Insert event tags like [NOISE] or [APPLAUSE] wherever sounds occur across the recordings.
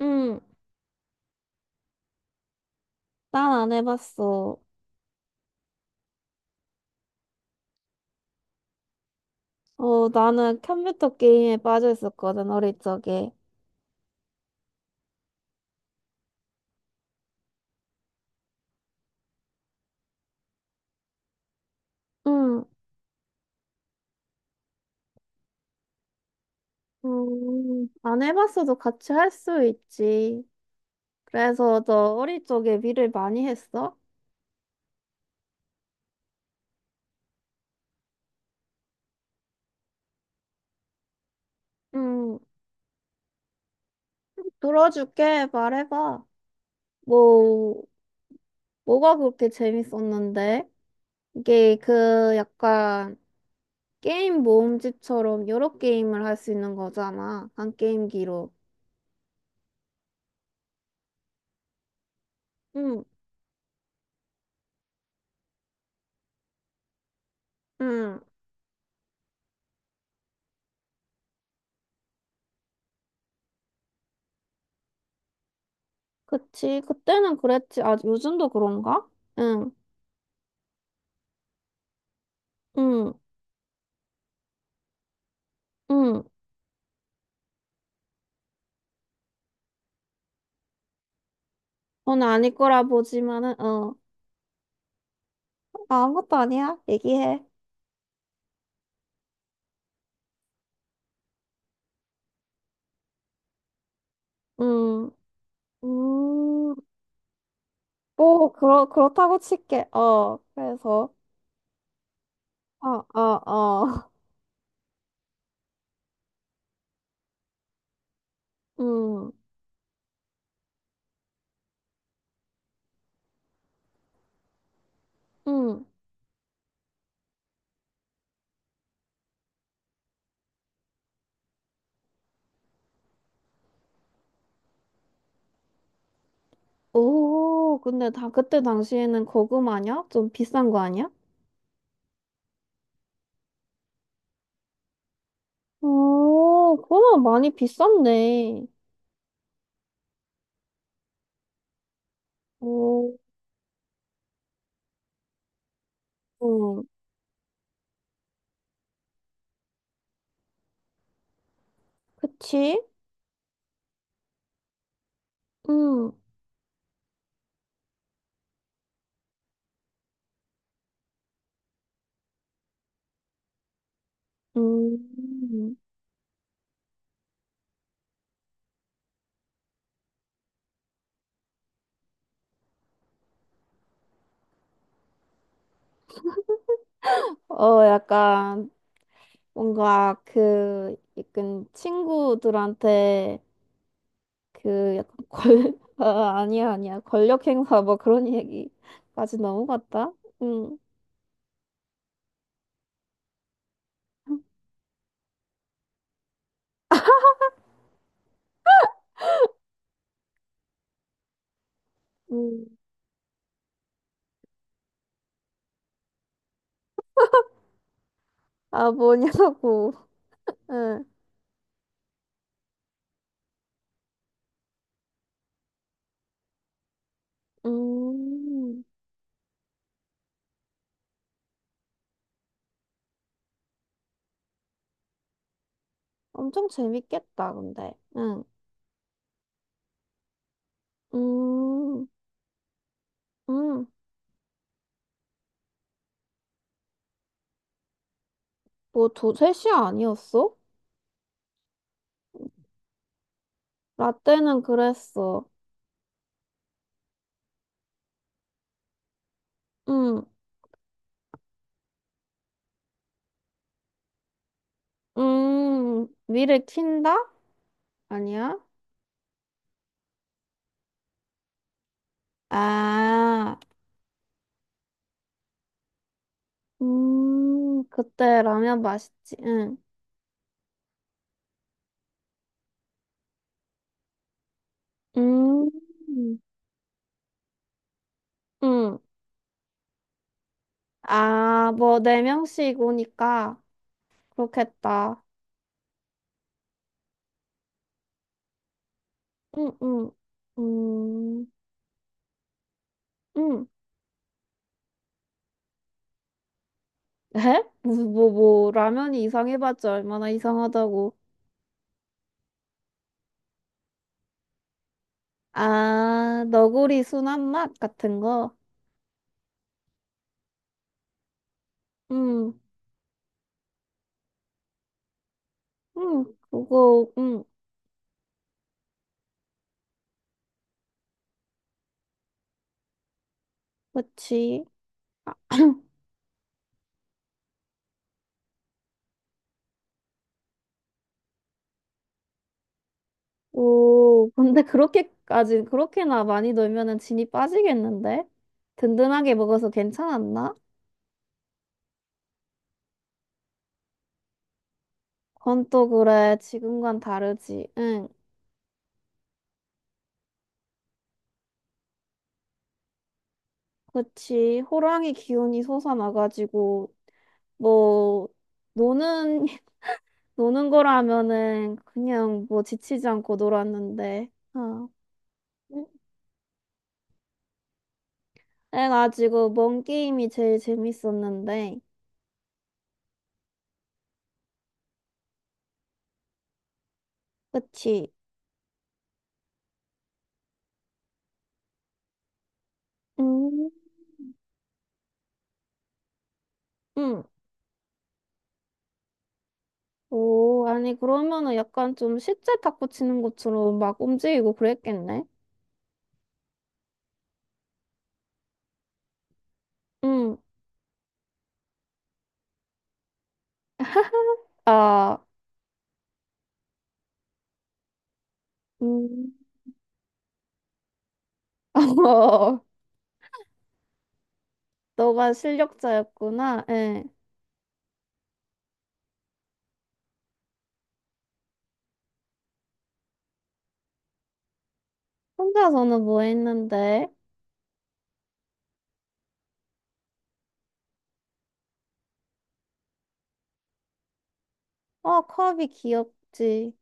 응, 난 안 해봤어. 어, 나는 컴퓨터 게임에 빠져 있었거든, 어릴 적에. 응, 안 해봤어도 같이 할 수 있지. 그래서 너 어릴 적에 일을 많이 했어? 응, 들어줄게, 말해봐. 뭐, 뭐가 그렇게 재밌었는데? 이게 그 약간 게임 모음집처럼 여러 게임을 할 수 있는 거잖아. 한 게임기로. 응, 응. 그치. 그때는 그랬지. 아, 요즘도 그런가? 응, 응, 응. 너는 아닐 거라 보지만은, 어. 아, 아무것도 아니야. 얘기해. 응, 음, 뭐, 그렇다고 칠게. 어, 그래서, 어, 어, 어. [LAUGHS] 응, 응. 오, 근데 다 그때 당시에는 고구마냐? 좀 비싼 거 아니야? 오, 그러면 많이 비쌌네. 오, 응. 그치? 응, 음. 어, 약간 뭔가 그 약간 친구들한테 그 약간 권 [LAUGHS] 아, 아니야 아니야 권력 행사 뭐 그런 얘기까지 넘어갔다. 응. 음. 아 뭐냐고. [LAUGHS] 응. 음. 엄청 재밌겠다 근데. 응. 음. 음. 뭐 두세 시 아니었어? 라떼는 그랬어. 응. 음. 위를 킨다? 아니야? 아. 그때 라면 맛있지. 응. 음, 응. 아, 뭐, 네 명씩 오니까 그렇겠다. 응, 응. 음, 응. 에? 뭐, 라면이 이상해봤자 얼마나 이상하다고. 아, 너구리 순한 맛 같은 거? 응, 응. 그거, 응. 그치. 오, 근데 그렇게나 많이 놀면은 진이 빠지겠는데? 든든하게 먹어서 괜찮았나? 그건 또 그래. 지금과는 다르지. 응. 그치. 호랑이 기운이 솟아나가지고, 뭐, 노는, [LAUGHS] 노는 거라면은 그냥 뭐 지치지 않고 놀았는데. 어. 응. 그래가지고, 뭔 게임이 제일 재밌었는데. 그치. 음. 응. 오, 아니, 그러면은 약간 좀 실제 탁구 치는 것처럼 막 움직이고 그랬겠네? 응. 아, 음. [LAUGHS] 어, 너가 실력자였구나. 예. 혼자서는 뭐 했는데? 어, 컵이 귀엽지.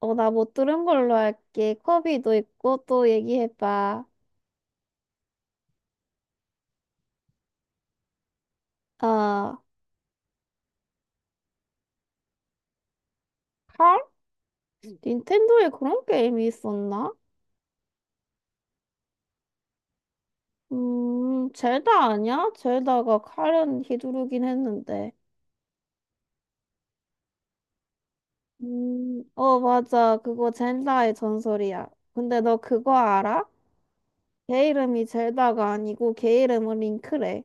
어, 나 못 들은 걸로 할게. 컵이도 있고 또 얘기해봐. 아, 헐? 닌텐도에 그런 게임이 있었나? 젤다 아니야? 젤다가 칼은 휘두르긴 했는데. 어, 맞아. 그거 젤다의 전설이야. 근데 너 그거 알아? 걔 이름이 젤다가 아니고 걔 이름은 링크래.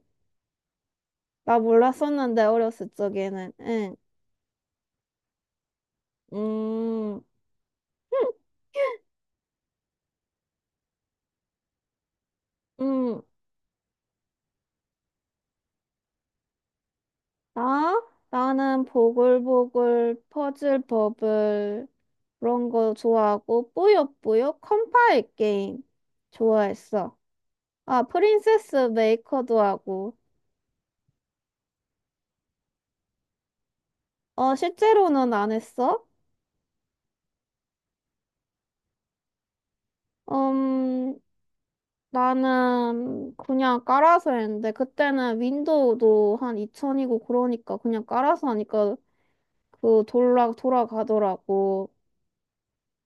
나 몰랐었는데, 어렸을 적에는. 응. 음. 음, 나? 나는 보글보글, 퍼즐 버블, 그런 거 좋아하고, 뿌요뿌요, 컴파일 게임 좋아했어. 아, 프린세스 메이커도 하고. 어, 실제로는 안 했어? 음, 나는 그냥 깔아서 했는데, 그때는 윈도우도 한 2000이고 그러니까 그냥 깔아서 하니까 그 돌아가더라고.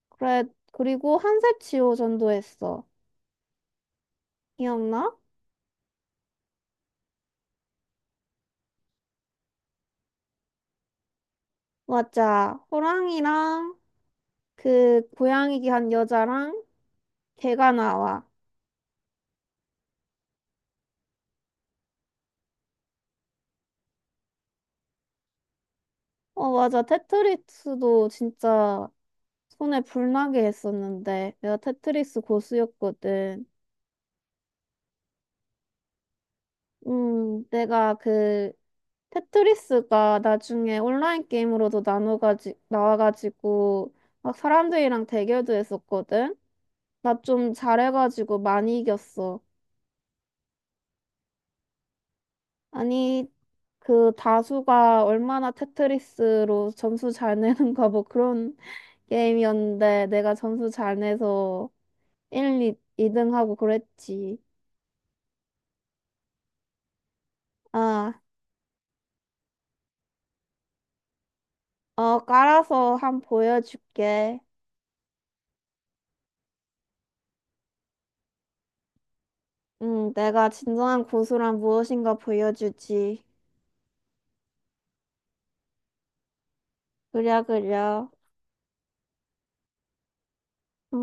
그래, 그리고 한색 지호전도 했어. 기억나? 맞아. 호랑이랑 그 고양이기 한 여자랑 개가 나와. 어, 맞아. 테트리스도 진짜 손에 불나게 했었는데 내가 테트리스 고수였거든. 내가 그 테트리스가 나중에 온라인 게임으로도 나눠가지 나와가지고 막 사람들이랑 대결도 했었거든. 나 좀 잘해가지고 많이 이겼어. 아니, 그 다수가 얼마나 테트리스로 점수 잘 내는가 뭐 그런 게임이었는데 내가 점수 잘 내서 1, 2, 이등 하고 그랬지. 아, 어, 깔아서 한 보여줄게. 응, 내가 진정한 고수란 무엇인가 보여주지. 그려, 그려. 응.